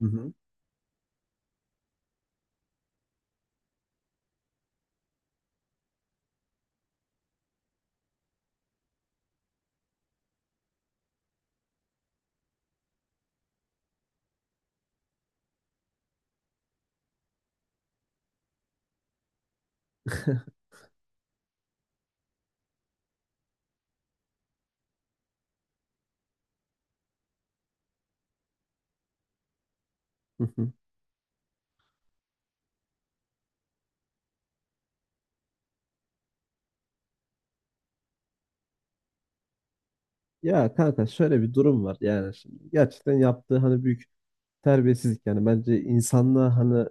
Hı hı. Hı hı. Ya kanka şöyle bir durum var yani şimdi gerçekten yaptığı hani büyük terbiyesizlik yani bence insanlığa hani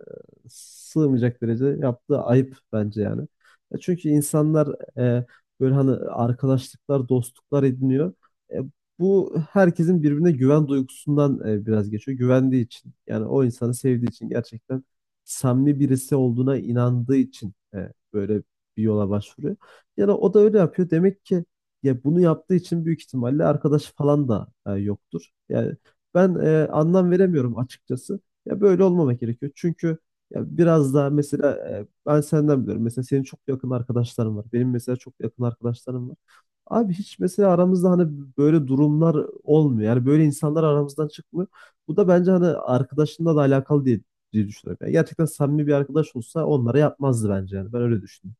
sığmayacak derecede yaptığı ayıp bence yani. E, Çünkü insanlar e, böyle hani arkadaşlıklar, dostluklar ediniyor. E, bu herkesin birbirine güven duygusundan biraz geçiyor. Güvendiği için yani o insanı sevdiği için gerçekten samimi birisi olduğuna inandığı için böyle bir yola başvuruyor. Yani o da öyle yapıyor. Demek ki ya bunu yaptığı için büyük ihtimalle arkadaş falan da yoktur. Yani ben anlam veremiyorum açıkçası. Ya böyle olmamak gerekiyor. Çünkü ya biraz daha mesela ben senden biliyorum. Mesela senin çok yakın arkadaşların var. Benim mesela çok yakın arkadaşlarım var. Abi hiç mesela aramızda hani böyle durumlar olmuyor. Yani böyle insanlar aramızdan çıkmıyor. Bu da bence hani arkadaşınla da alakalı diye düşünüyorum. Yani gerçekten samimi bir arkadaş olsa onlara yapmazdı bence yani. Ben öyle düşünüyorum.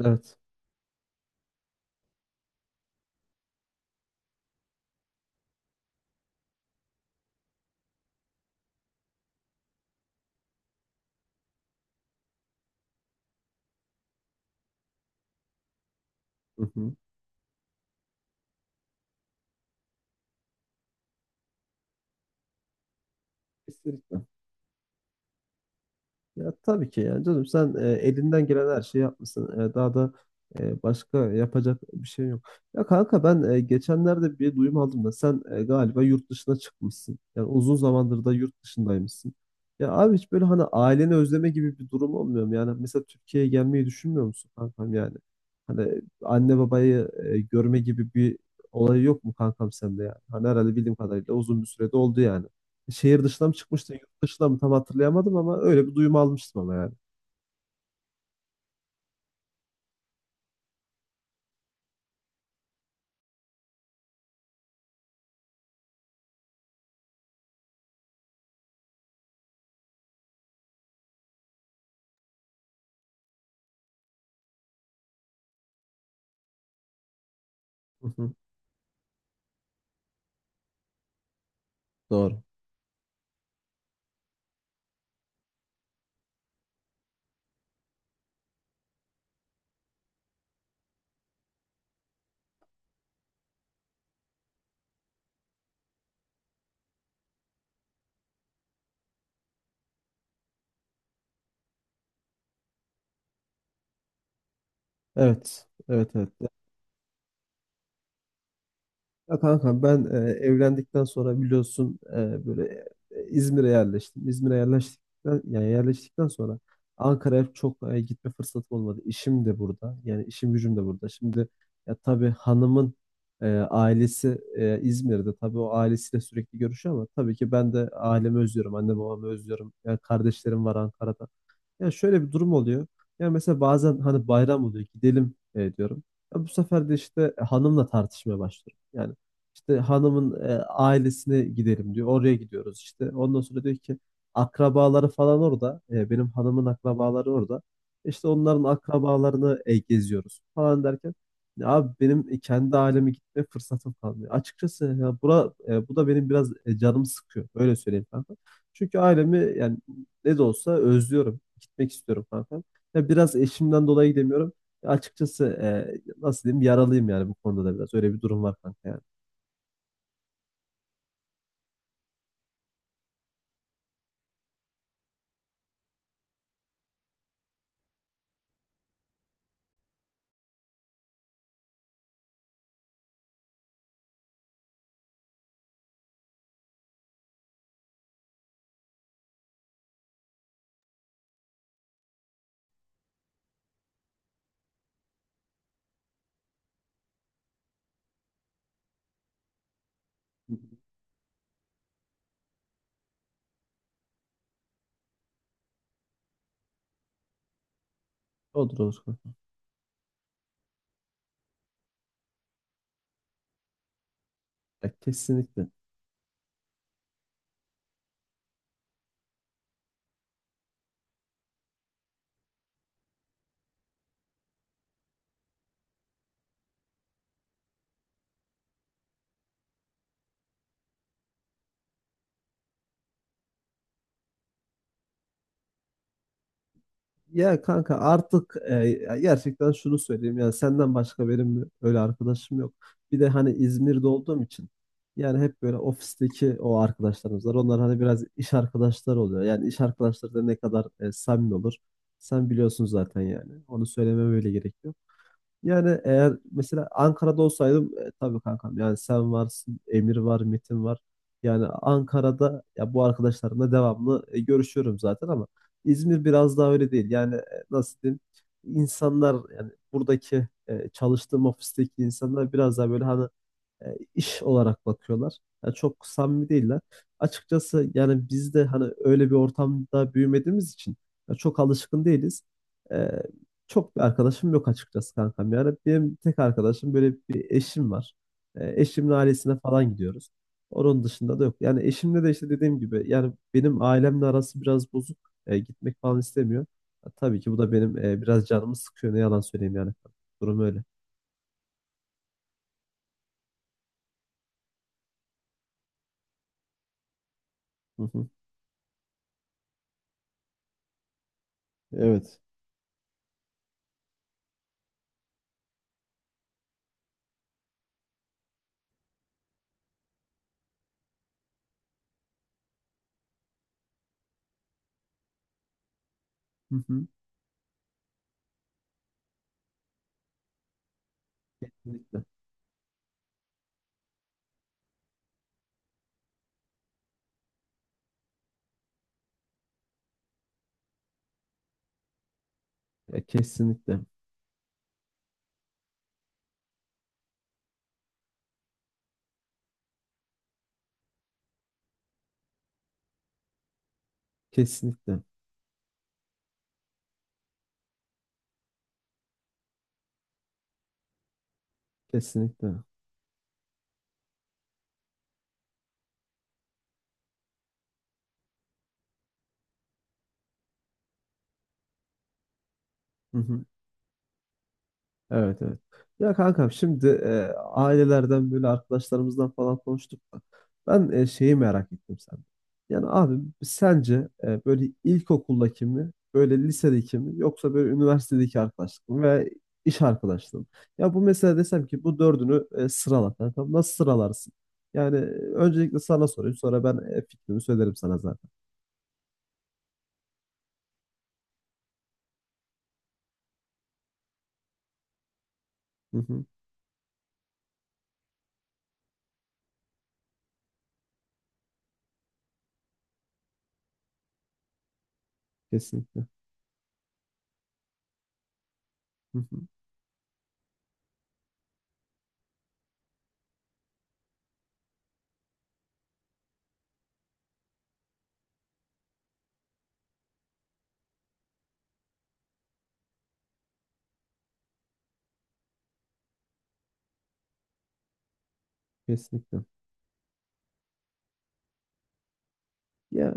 Evet. Hı hı. Kesinlikle. Ya tabii ki yani canım sen elinden gelen her şeyi yapmışsın. E, daha da başka yapacak bir şey yok. Ya kanka ben geçenlerde bir duyum aldım da sen galiba yurt dışına çıkmışsın. Yani uzun zamandır da yurt dışındaymışsın. Ya abi hiç böyle hani aileni özleme gibi bir durum olmuyor mu? Yani mesela Türkiye'ye gelmeyi düşünmüyor musun kankam yani? Hani anne babayı görme gibi bir olay yok mu kankam sende yani? Hani herhalde bildiğim kadarıyla uzun bir sürede oldu yani. Şehir dışına mı çıkmıştı, yurt dışına mı tam hatırlayamadım ama öyle bir duyum almıştım ama yani. Hı hı. Doğru. Evet. Evet, evet. Ya kanka ben evlendikten sonra biliyorsun böyle İzmir'e yerleştim. İzmir'e yerleştikten sonra Ankara'ya çok gitme fırsatım olmadı. İşim de burada. Yani işim gücüm de burada. Şimdi ya tabii hanımın ailesi İzmir'de. Tabii o ailesiyle sürekli görüşüyor ama tabii ki ben de ailemi özlüyorum. Anne babamı özlüyorum. Yani kardeşlerim var Ankara'da. Yani şöyle bir durum oluyor. Yani mesela bazen hani bayram oluyor gidelim diyorum. Ya bu sefer de işte hanımla tartışmaya başlıyorum. Yani işte hanımın ailesine gidelim diyor. Oraya gidiyoruz işte. Ondan sonra diyor ki akrabaları falan orada. E, benim hanımın akrabaları orada. İşte onların akrabalarını geziyoruz falan derken ya abi benim kendi aileme gitme fırsatım kalmıyor. Açıkçası ya bu da benim biraz canımı sıkıyor. Öyle söyleyeyim kanka. Çünkü ailemi yani ne de olsa özlüyorum. Gitmek istiyorum kankam. Ya biraz eşimden dolayı gidemiyorum. Ya açıkçası nasıl diyeyim yaralıyım yani bu konuda da biraz. Öyle bir durum var kanka yani. Olur, olur kanka. Ya kesinlikle. Ya kanka artık ya gerçekten şunu söyleyeyim. Yani senden başka benim öyle arkadaşım yok. Bir de hani İzmir'de olduğum için yani hep böyle ofisteki o arkadaşlarımız var. Onlar hani biraz iş arkadaşları oluyor. Yani iş arkadaşları da ne kadar samimi olur. Sen biliyorsun zaten yani. Onu söylememe öyle gerek yok. Yani eğer mesela Ankara'da olsaydım tabii kankam yani sen varsın, Emir var, Metin var. Yani Ankara'da ya bu arkadaşlarımla devamlı görüşüyorum zaten ama İzmir biraz daha öyle değil. Yani nasıl diyeyim? İnsanlar yani buradaki çalıştığım ofisteki insanlar biraz daha böyle hani iş olarak bakıyorlar. Yani çok samimi değiller. Açıkçası yani biz de hani öyle bir ortamda büyümediğimiz için ya çok alışkın değiliz. E, çok bir arkadaşım yok açıkçası kankam. Yani benim tek arkadaşım böyle bir eşim var. E, eşimin ailesine falan gidiyoruz. Onun dışında da yok. Yani eşimle de işte dediğim gibi yani benim ailemle arası biraz bozuk. E, gitmek falan istemiyor. Ya tabii ki bu da benim biraz canımı sıkıyor. Ne yalan söyleyeyim yani. Durum öyle. Hı hı. Evet. Hı hı. Kesinlikle. Ya kesinlikle. Kesinlikle. Kesinlikle. Hı hı. Evet, evet. Ya kankam şimdi ailelerden böyle arkadaşlarımızdan falan konuştuk da ben şeyi merak ettim sen. Yani abi sence böyle ilkokuldaki mi böyle lisedeki mi yoksa böyle üniversitedeki arkadaşlık mı ve iş arkadaşlığı mı? Ya bu mesela desem ki bu dördünü sırala kankam nasıl sıralarsın? Yani öncelikle sana sorayım sonra ben fikrimi söylerim sana zaten. Hı hı. Kesinlikle. Hı hı. Kesinlikle. Ya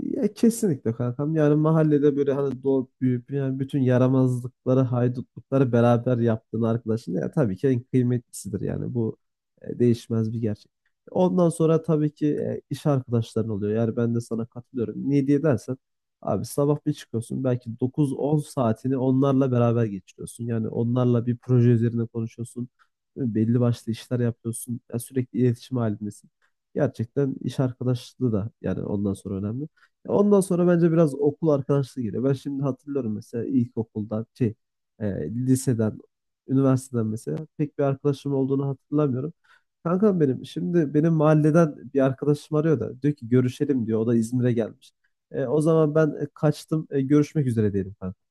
Ya kesinlikle kankam. Yani mahallede böyle hani doğup büyüyüp yani bütün yaramazlıkları, haydutlukları beraber yaptığın arkadaşın ya tabii ki en kıymetlisidir yani. Bu değişmez bir gerçek. Ondan sonra tabii ki iş arkadaşların oluyor. Yani ben de sana katılıyorum. Niye diye dersen abi sabah bir çıkıyorsun belki dokuz on saatini onlarla beraber geçiriyorsun. Yani onlarla bir proje üzerine konuşuyorsun. Belli başlı işler yapıyorsun. Ya sürekli iletişim halindesin. Gerçekten iş arkadaşlığı da yani ondan sonra önemli. Ondan sonra bence biraz okul arkadaşlığı geliyor. Ben şimdi hatırlıyorum mesela ilkokuldan, e, liseden, üniversiteden mesela pek bir arkadaşım olduğunu hatırlamıyorum. Kankam benim şimdi benim mahalleden bir arkadaşım arıyor da diyor ki görüşelim diyor. O da İzmir'e gelmiş. E, o zaman ben kaçtım. E, görüşmek üzere diyelim kankam.